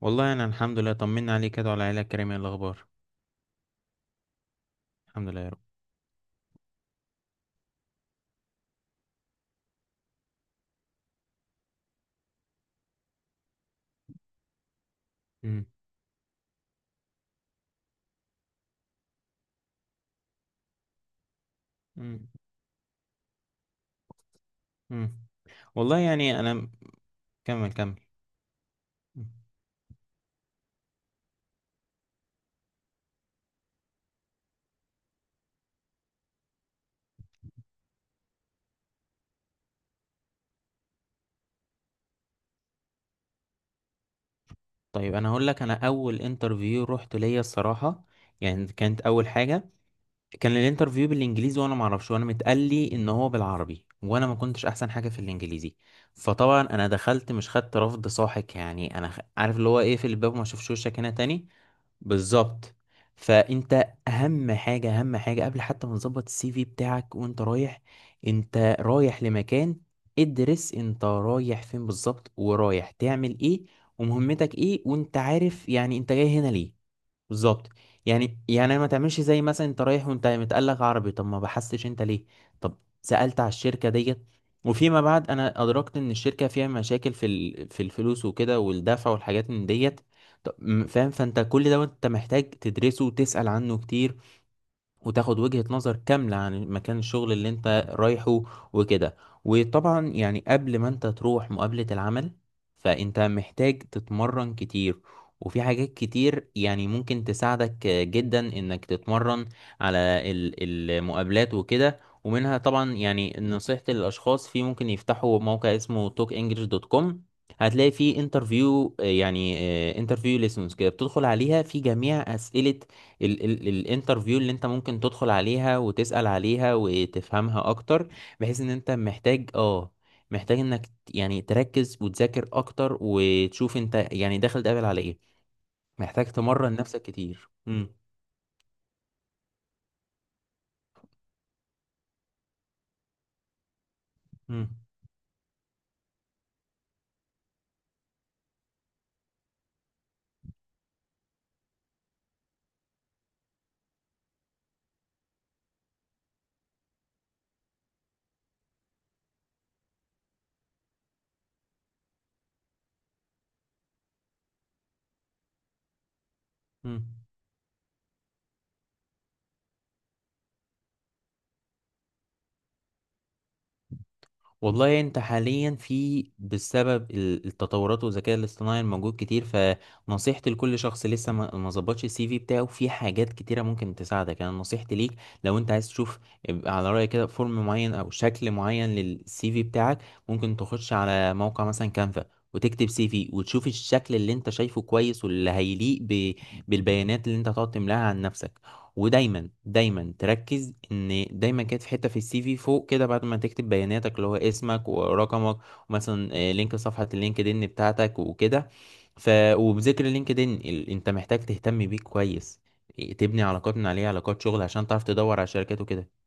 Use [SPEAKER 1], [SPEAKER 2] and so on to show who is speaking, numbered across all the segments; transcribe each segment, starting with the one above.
[SPEAKER 1] والله انا الحمد لله، طمنا عليك كده وعلى العيله الكريمه. إيه الاخبار؟ الحمد لله يا رب. مم. مم. مم. والله يعني انا كمل كمل. مم. طيب انا هقول لك، انا اول انترفيو رحت ليا الصراحه، يعني كانت اول حاجه، كان الانترفيو بالانجليزي وانا ما اعرفش، وانا متقال لي ان هو بالعربي، وانا ما كنتش احسن حاجه في الانجليزي. فطبعا انا دخلت مش خدت رفض ساحق، يعني انا عارف اللي هو ايه؟ في الباب ما شافش وشك هنا تاني. بالظبط. فانت اهم حاجه، اهم حاجه قبل حتى ما تظبط السي في بتاعك وانت رايح، انت رايح لمكان، ادرس انت رايح فين بالظبط، ورايح تعمل ايه، ومهمتك ايه، وانت عارف يعني انت جاي هنا ليه. بالظبط. يعني ما تعملش زي مثلا انت رايح وانت متقلق عربي، طب ما بحثتش انت ليه؟ طب سألت على الشركة ديت؟ وفيما بعد انا ادركت ان الشركة فيها مشاكل في الفلوس وكده، والدفع والحاجات من ديت. طب فاهم. فانت كل ده انت محتاج تدرسه وتسأل عنه كتير، وتاخد وجهة نظر كاملة عن مكان الشغل اللي انت رايحه وكده. وطبعا يعني قبل ما انت تروح مقابلة العمل، فانت محتاج تتمرن كتير. وفي حاجات كتير يعني ممكن تساعدك جدا انك تتمرن على المقابلات وكده، ومنها طبعا يعني نصيحتي للاشخاص، في ممكن يفتحوا موقع اسمه talkenglish.com. هتلاقي فيه انترفيو، يعني انترفيو ليسنس كده، بتدخل عليها في جميع اسئلة ال ال الانترفيو اللي انت ممكن تدخل عليها وتسأل عليها وتفهمها اكتر. بحيث ان انت محتاج انك يعني تركز وتذاكر اكتر، وتشوف انت يعني داخل تقابل على ايه. محتاج تمرن نفسك كتير. امم. امم. إمم. والله انت حاليا في بسبب التطورات والذكاء الاصطناعي الموجود كتير، فنصيحتي لكل شخص لسه ما ظبطش السي في بتاعه، في حاجات كتيرة ممكن تساعدك. انا نصيحتي ليك، لو انت عايز تشوف، يبقى على رأيك كده فورم معين او شكل معين للسي في بتاعك، ممكن تخش على موقع مثلا كانفا، وتكتب سي في وتشوف الشكل اللي انت شايفه كويس، واللي هيليق بالبيانات اللي انت هتقعد تملاها عن نفسك. ودايما دايما تركز ان دايما كانت في حته في السي في فوق كده، بعد ما تكتب بياناتك اللي هو اسمك ورقمك ومثلا لينك صفحه اللينكدين بتاعتك وكده. ف وبذكر اللينكدين، انت محتاج تهتم بيه كويس. تبني علاقات من عليه، علاقات شغل عشان تعرف تدور على شركات وكده.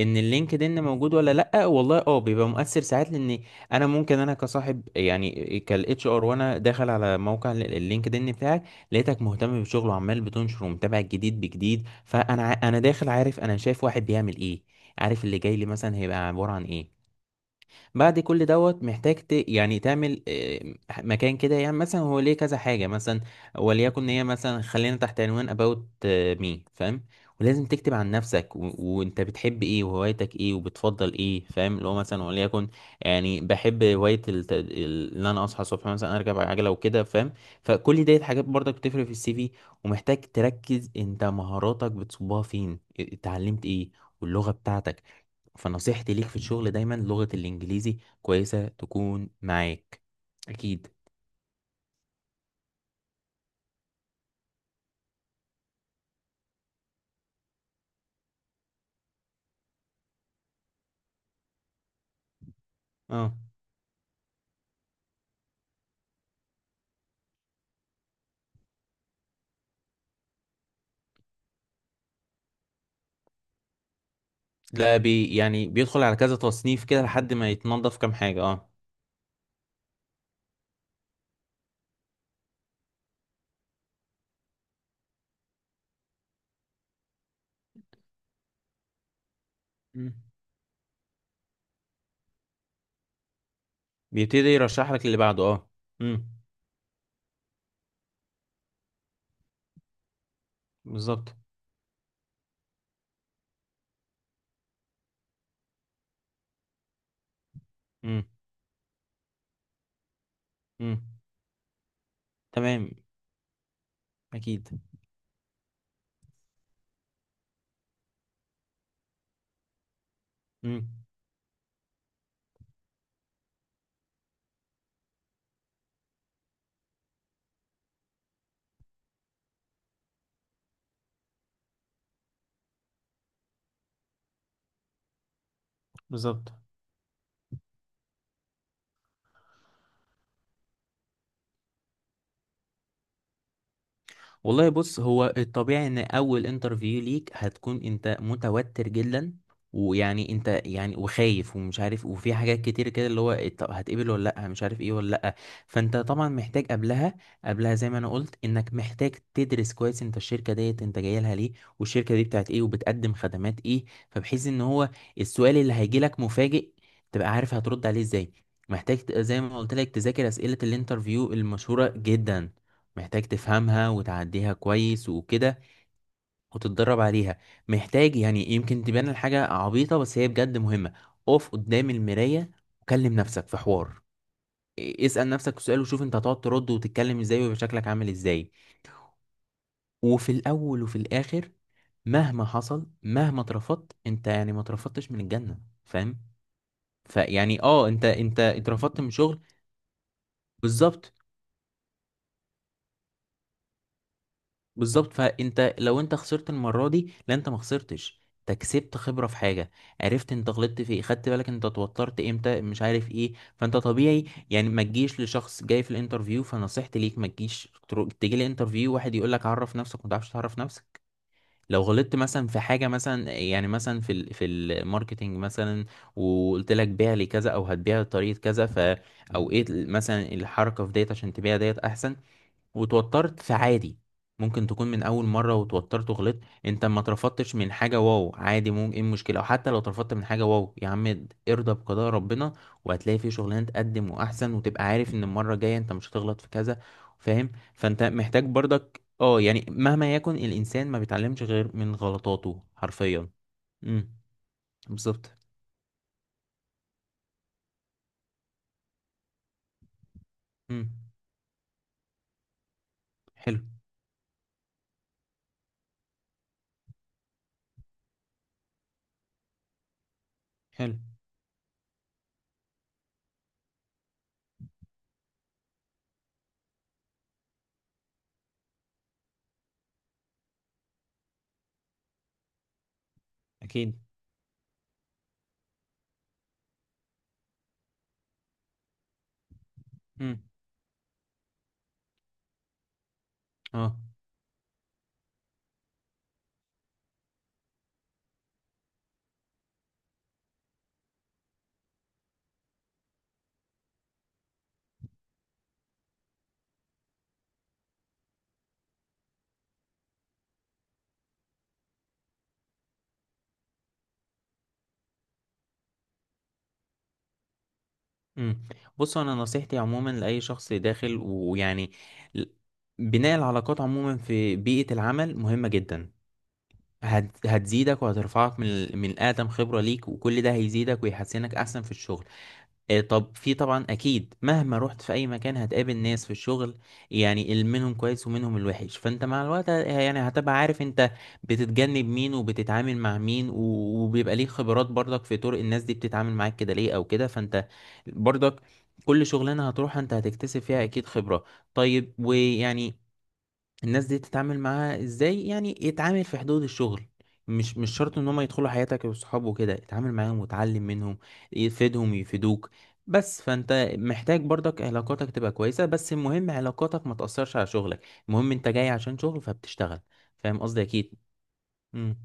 [SPEAKER 1] ان اللينكد ان موجود ولا لا؟ والله بيبقى مؤثر ساعات، لان انا ممكن انا كصاحب، يعني كالاتش ار، وانا داخل على موقع اللينكد ان بتاعك، لقيتك مهتم بشغله وعمال بتنشر ومتابع الجديد بجديد، فانا انا داخل عارف، انا شايف واحد بيعمل ايه، عارف اللي جاي لي مثلا هيبقى عبارة عن ايه. بعد كل دوت محتاج يعني تعمل مكان كده، يعني مثلا هو ليه كذا حاجة مثلا، وليكن هي مثلا خلينا تحت عنوان about me، فاهم؟ ولازم تكتب عن نفسك وانت بتحب ايه، وهوايتك ايه، وبتفضل ايه. فاهم؟ اللي هو مثلا وليكن، يعني بحب هواية ان انا اصحى الصبح مثلا اركب عجلة وكده، فاهم؟ فكل ديت حاجات برضك بتفرق في السي في. ومحتاج تركز انت مهاراتك بتصبها فين، اتعلمت ايه، واللغة بتاعتك. فنصيحتي ليك في الشغل، دايما لغة الإنجليزي كويسة تكون معاك. أكيد. اه. ده يعني بيدخل على كذا تصنيف كده لحد ما يتنضف كام حاجة، اه. مم. بيبتدي يرشح لك اللي بعده، اه. امم. بالظبط. امم. امم. تمام. أكيد. امم. بالظبط. والله بص، هو الطبيعي ان اول انترفيو ليك هتكون انت متوتر جدا، ويعني انت يعني وخايف ومش عارف، وفي حاجات كتير كده، اللي هو إيه، طب هتقبل ولا لا، مش عارف ايه ولا لا. فانت طبعا محتاج قبلها، زي ما انا قلت، انك محتاج تدرس كويس انت الشركة ديت، انت جاي لها ليه، والشركة دي بتاعت ايه، وبتقدم خدمات ايه. فبحيث ان هو السؤال اللي هيجي لك مفاجئ، تبقى عارف هترد عليه ازاي. محتاج زي ما قلت لك، تذاكر اسئلة الانترفيو المشهورة جدا، محتاج تفهمها وتعديها كويس وكده، وتتدرب عليها. محتاج، يعني يمكن تبان الحاجة عبيطة بس هي بجد مهمة، اقف قدام المراية، وكلم نفسك في حوار. اسأل نفسك سؤال، وشوف انت هتقعد ترد وتتكلم ازاي، ويبقى شكلك عامل ازاي. وفي الاول وفي الاخر، مهما حصل، مهما اترفضت انت، يعني ما اترفضتش من الجنة، فاهم؟ فيعني انت اترفضت من شغل. بالظبط، بالظبط. فانت لو انت خسرت المره دي، لا انت ما خسرتش، انت كسبت خبره في حاجه، عرفت انت غلطت في ايه، خدت بالك انت اتوترت امتى، مش عارف ايه، فانت طبيعي. يعني ما تجيش لشخص جاي في الانترفيو، فنصيحتي ليك ما تجيش تيجي لي انترفيو، واحد يقول لك عرف نفسك ما تعرفش تعرف نفسك. لو غلطت مثلا في حاجه مثلا، يعني مثلا في الماركتنج مثلا، وقلت لك بيع لي كذا، او هتبيع بطريقه كذا، او ايه مثلا الحركه في ديت عشان تبيع ديت احسن، وتوترت، فعادي. ممكن تكون من اول مره وتوترت وغلطت. انت ما اترفضتش من حاجه، واو عادي، ممكن ايه المشكله، او حتى لو اترفضت من حاجه، واو يا عم ارضى بقضاء ربنا، وهتلاقي في شغلانه تقدم واحسن، وتبقى عارف ان المره الجايه انت مش هتغلط في كذا. فاهم؟ فانت محتاج برضك يعني مهما يكن الانسان، ما بيتعلمش غير من غلطاته حرفيا. امم. بالظبط. امم. حلو. حلو. اكيد. امم. اه. امم. بص، انا نصيحتي عموما لاي شخص داخل، ويعني ل- بناء العلاقات عموما في بيئة العمل مهمة جدا. هتزيدك وهترفعك من الادم خبرة ليك، وكل ده هيزيدك ويحسنك احسن في الشغل. طب في طبعا اكيد مهما رحت في اي مكان هتقابل ناس في الشغل، يعني منهم كويس ومنهم الوحش، فانت مع الوقت يعني هتبقى عارف انت بتتجنب مين وبتتعامل مع مين، وبيبقى ليك خبرات برضك في طرق الناس دي بتتعامل معاك كده ليه او كده. فانت برضك كل شغلانة هتروح انت هتكتسب فيها اكيد خبرة. طيب، ويعني الناس دي تتعامل معاها ازاي، يعني يتعامل في حدود الشغل، مش شرط ان هم يدخلوا حياتك وصحابه وكده، اتعامل معاهم وتعلم منهم، يفيدهم يفيدوك. بس فانت محتاج برضك علاقاتك تبقى كويسة، بس المهم علاقاتك ما تأثرش على شغلك، المهم انت جاي عشان شغل فبتشتغل. فاهم قصدي؟ اكيد. امم.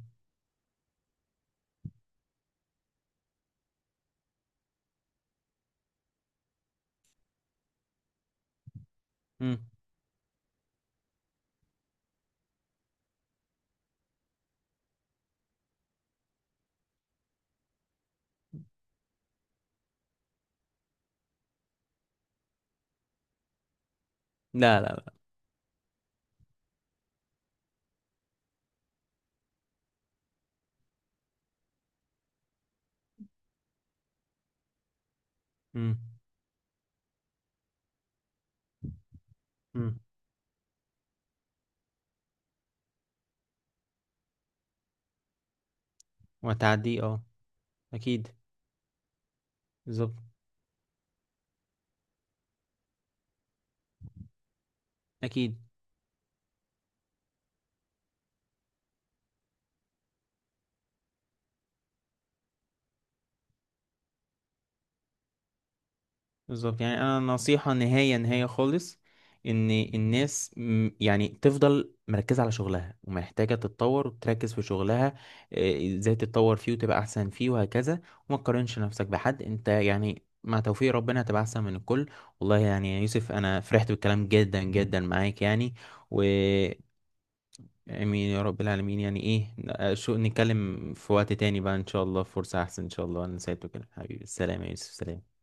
[SPEAKER 1] امم. لا، لا، لا. امم. امم. وهتعديه، اه. اكيد. بالظبط. اكيد. بالظبط. يعني انا نصيحة نهاية نهاية خالص، ان الناس يعني تفضل مركزة على شغلها، ومحتاجة تتطور وتركز في شغلها، ازاي تتطور فيه وتبقى احسن فيه، وهكذا. وما تقارنش نفسك بحد، انت يعني مع توفيق ربنا هتبقى احسن من الكل. والله يعني يا يوسف، انا فرحت بالكلام جدا جدا معاك يعني. و امين يا رب العالمين. يعني ايه، شو نتكلم في وقت تاني بقى، ان شاء الله فرصة احسن. ان شاء الله انا نسيته كده حبيبي. السلام يا يوسف. سلام.